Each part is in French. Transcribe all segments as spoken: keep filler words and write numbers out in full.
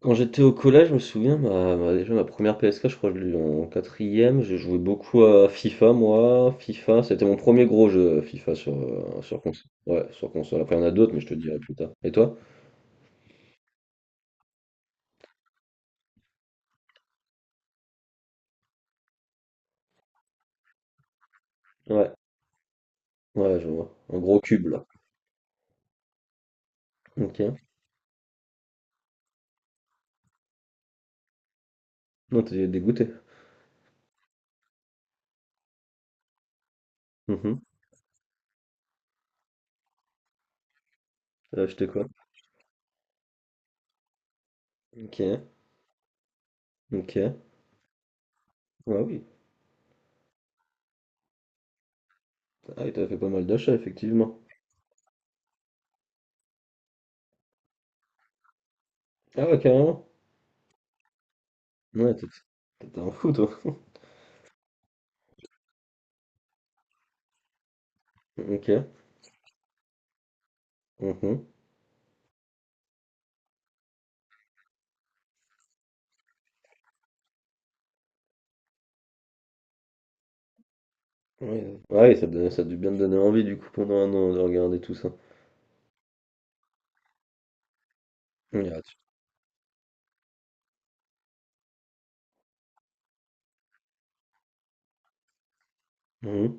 Quand j'étais au collège, je me souviens, ma, ma- déjà ma première P S K, je crois que je l'ai eu en quatrième. J'ai joué beaucoup à FIFA, moi. FIFA, c'était mon premier gros jeu, FIFA, sur, euh, sur console. Ouais, sur console. Après, il y en a d'autres, mais je te dirai plus tard. Et toi? Ouais, ouais, je vois. Un gros cube, là. Ok. Non, t'es dégoûté. Mhm. T'as acheté quoi? Ok, ok. Ah oui. Ah oui, t'as fait pas mal d'achats, effectivement. Ah ouais, carrément. Ouais, t'es t'es un fou, toi. Ok. Mhm. Ouais, ouais, ça, te donnait- ça a dû bien te donner envie, du coup, pendant un an, de regarder tout ça. Mmh, ah tu mmh.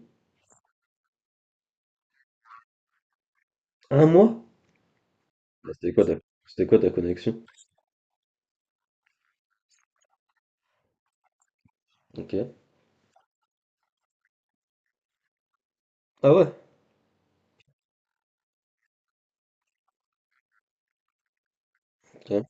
un mois? Mmh. Bah, c'était quoi ta c'était quoi ta connexion? OK. Ah ouais? OK.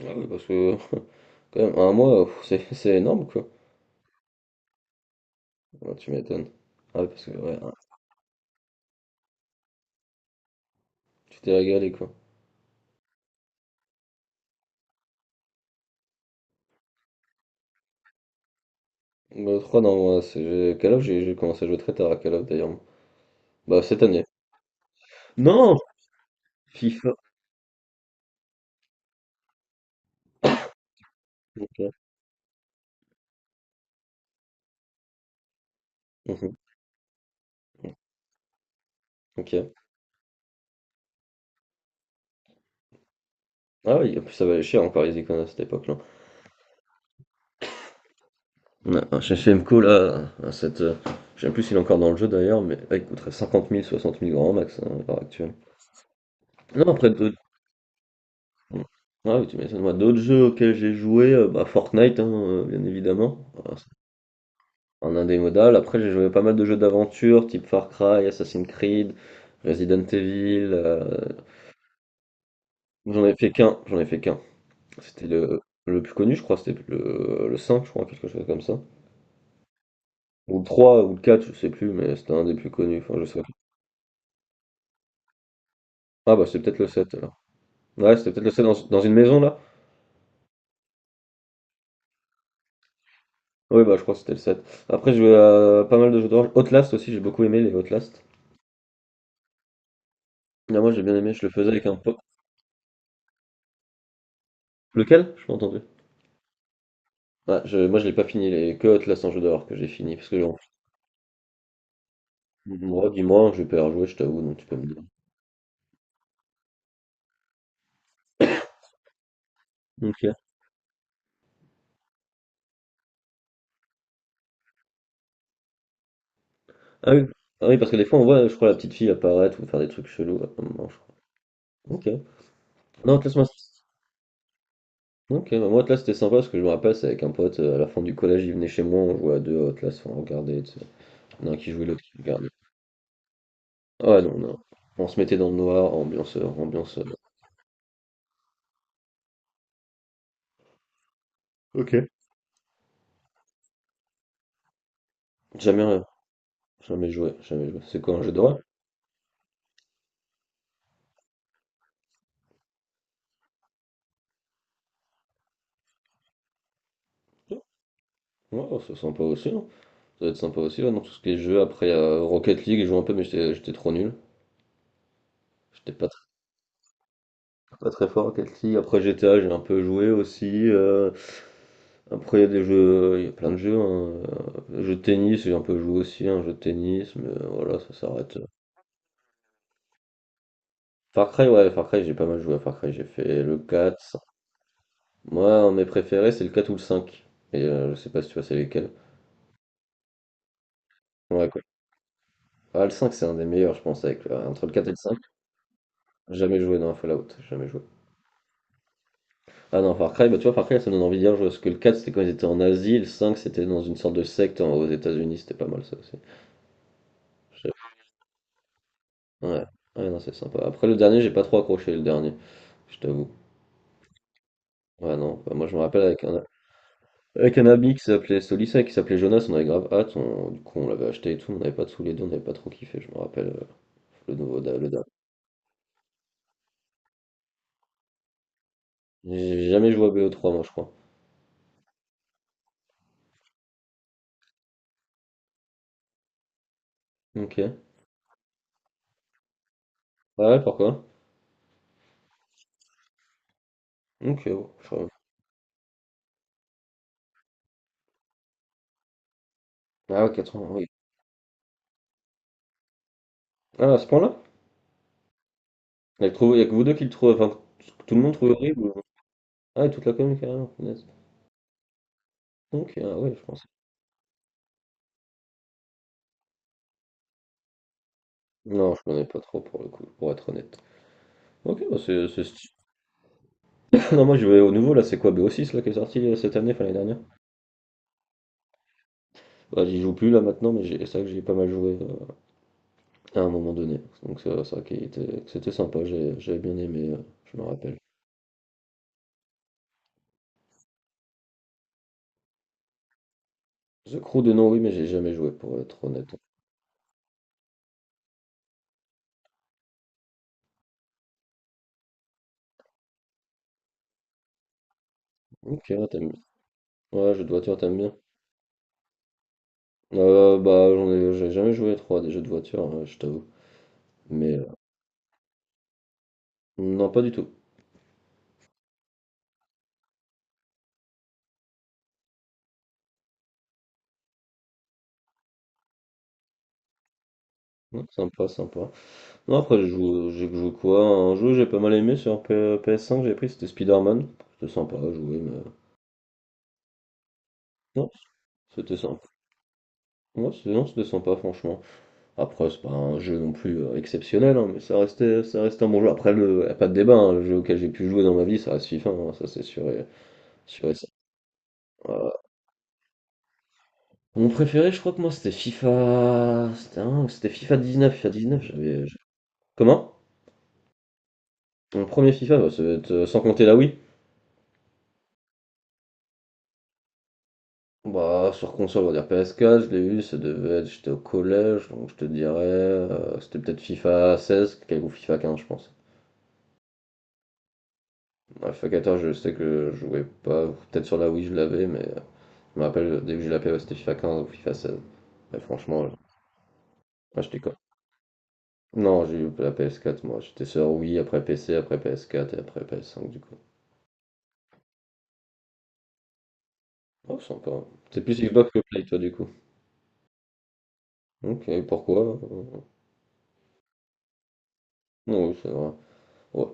Ah ouais parce que quand même un mois, pff, c'est c'est énorme quoi. Ouais, tu m'étonnes. Ah ouais parce que ouais, hein, tu t'es régalé quoi. Bah, trois non, moi c'est j'ai Call of j'ai j'ai commencé à jouer très tard à Call of d'ailleurs. Bah, cette année. Non! FIFA. OK. Mmh. OK. Ah oui, en plus ça valait cher encore les icônes à cette époque-là. Ouais, un C F M C O là, à cette, heu, je sais même plus s'il est encore dans le jeu d'ailleurs, mais là il coûterait cinquante mille soixante mille grand max, hein, à l'heure actuelle. Non, après d'autres. Ah oui, tu m'étonnes. Moi, d'autres jeux auxquels j'ai joué, euh, bah, Fortnite, hein, euh, bien évidemment. Voilà, c'est un indémodable. Après, j'ai joué à pas mal de jeux d'aventure, type Far Cry, Assassin's Creed, Resident Evil, euh, J'en ai fait qu'un, j'en ai fait qu'un. C'était le, le plus connu, je crois, c'était le, le cinq je crois, quelque chose comme ça. Ou le trois, ou le quatre, je sais plus, mais c'était un des plus connus. Enfin, je sais plus. Ah bah, c'est peut-être le sept alors. Ouais, c'était peut-être le sept dans, dans une maison, là? Oui, bah, je crois que c'était le sept. Après, j'ai joué à pas mal de jeux d'horreur. Outlast aussi, j'ai beaucoup aimé les Outlast. Non, moi j'ai bien aimé, je le faisais avec un pote. Lequel? Je pas entendu. Ah, je, moi je l'ai pas fini, les que Outlast en jeu d'horreur que j'ai fini, parce que en fond, moi, dis-moi, je vais pas y rejouer, je t'avoue, donc tu peux me dire. Ok. Ah oui. Ah oui, parce que des fois on voit, je crois, la petite fille apparaître ou faire des trucs chelous à un moment, je crois. Ok. Non, Outlast, moi, c'est- Ok, bah, moi Outlast c'était sympa, parce que je me rappelle, c'est avec un pote, euh, à la fin du collège, il venait chez moi, on jouait à deux à Outlast, on regardait, tu sais. Il y en a un qui jouait, l'autre qui regardait. Ah ouais, non, non. On se mettait dans le noir, ambiance, euh, ambiance, euh, Jamais, euh, jamais joué, jamais joué. C'est quoi un jeu d'horreur? Ouais, ouais, c'est sympa aussi, hein. Ça doit être sympa aussi, ouais, dans tout ce qui est jeu. Après, euh, Rocket League, j'ai joué un peu, mais j'étais j'étais trop nul. J'étais pas très, pas très fort à Rocket League. Après, G T A, j'ai un peu joué aussi, euh, après, il y a des jeux, euh, il y a plein de jeux, hein. Euh, jeu de tennis, j'ai un peu joué aussi, un jeu de tennis, mais voilà, ça s'arrête. Far Cry, ouais, Far Cry, j'ai pas mal joué à Far Cry. J'ai fait le quatre. Moi, un de mes préférés, c'est le quatre ou le cinq. Et euh, je sais pas si tu vois, c'est lesquels. Ouais, quoi. Ah, le cinq c'est un des meilleurs, je pense, avec, euh, entre le quatre et le cinq. Jamais joué dans un Fallout, jamais joué. Ah non, Far Cry, bah tu vois, Far Cry, ça me donne envie de jouer, je parce que le quatre, c'était quand ils étaient en Asie, le cinq, c'était dans une sorte de secte en- aux États-Unis, c'était pas mal ça aussi. Je- Ouais, ouais, non, c'est sympa. Après, le dernier, j'ai pas trop accroché, le dernier, je t'avoue. Ouais, non, bah, moi, je me rappelle avec un, avec un ami qui s'appelait Solissa, qui s'appelait Jonas, on avait grave hâte, on- du coup, on l'avait acheté et tout, on n'avait pas tous les deux, on n'avait pas trop kiffé, je me rappelle, euh, le nouveau, da- le dernier. J'ai jamais joué à B O trois, moi, je crois. Ok. Ah ouais, pourquoi? Ok, bon, je crois- Ah, ouais, quatre-vingts, oui. Ah, à ce point-là? Il y a que vous deux qui le trouvez, enfin, tout le monde trouve horrible? Ah, toute la commune, carrément, punaise. OK, ah ouais, je pense. Non, je connais pas trop pour le coup, pour être honnête. OK, bah c'est c'est sti- non, moi je vais au nouveau là, c'est quoi B O six là qui est sorti euh, cette année, enfin l'année dernière. Bah, j'y joue plus là maintenant, mais j'ai- c'est vrai que j'y ai pas mal joué euh, à un moment donné. Donc c'est c'est vrai qu'il était- que c'était sympa, j'ai- j'avais bien aimé, euh, je me rappelle. The Crew de nom, oui, mais j'ai jamais joué pour être honnête. OK, ouais, t'aimes bien. Ouais, jeux de voiture, t'aimes bien. Euh, bah j'en ai j'ai jamais joué trop à des jeux de voiture, hein, je t'avoue. Mais euh, non, pas du tout. Non, sympa, sympa. Non, après, je joue j'ai joué quoi? Un jeu, que j'ai pas mal aimé sur P- PS5, que j'ai pris, c'était Spider-Man. C'était sympa à jouer, mais. Non, c'était sympa. Ouais, c'est- non, c'était sympa, franchement. Après, c'est pas un jeu non plus euh, exceptionnel, hein, mais ça restait, ça restait un bon jeu. Après, le, y a pas de débat, hein, le jeu auquel j'ai pu jouer dans ma vie, ça reste FIFA, hein, ça c'est sûr et, sûr et certain. Voilà. Mon préféré, je crois que moi, c'était FIFA. C'était un- c'était FIFA dix-neuf. FIFA dix-neuf, j'avais. j'avais- Comment? Mon premier FIFA, bah, ça va être, euh, sans compter la Wii. Bah, sur console, on va dire P S quatre, je l'ai eu, ça devait être, j'étais au collège, donc je te dirais, euh, c'était peut-être FIFA seize ou FIFA quinze, je pense. Ouais, FIFA quatorze, je sais que je jouais pas, ou peut-être sur la Wii, je l'avais, mais euh, je me rappelle, euh, dès que j'ai eu la P S, c'était FIFA quinze ou FIFA seize. Mais franchement, euh, moi, j'étais quoi? Non, j'ai eu la P S quatre, moi, j'étais sur Wii, après P C, après P S quatre et après P S cinq, du coup. Oh, sympa. C'est plus Xbox que Play, toi, du coup. Ok, pourquoi? Euh, Non, oui, c'est vrai. Ouais.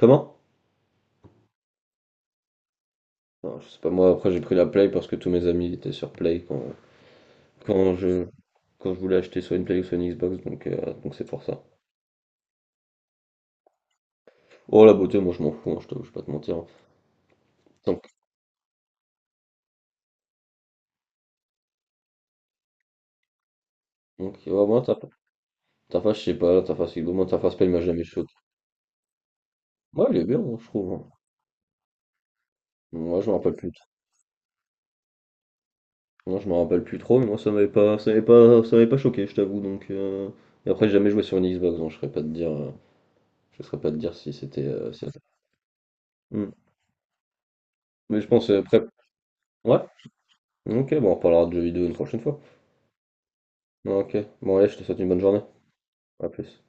Comment? Non, je sais pas moi, après j'ai pris la Play parce que tous mes amis étaient sur Play quand, quand je quand je voulais acheter soit une Play ou soit une Xbox, donc euh, donc c'est pour ça. Oh la beauté, moi je m'en fous, hein, je t'avoue, je vais pas te mentir. Donc Donc, ouais, moi ta, ta face, je sais pas, ta face, moi ta face Play il m'a jamais choqué. Moi il est bien, hein, je trouve, hein. Moi je me rappelle plus trop. Moi je me rappelle plus trop, mais moi ça m'avait pas ça m'avait pas ça m'avait pas choqué, je t'avoue, donc euh, et après j'ai jamais joué sur une Xbox, donc je serais pas de dire euh, je serais pas de dire si c'était euh, si- Hmm. Mais je pense euh, après. Ouais, ok, bon on reparlera de jeux vidéo une prochaine fois. Bon, ok, bon allez, je te souhaite une bonne journée. À plus.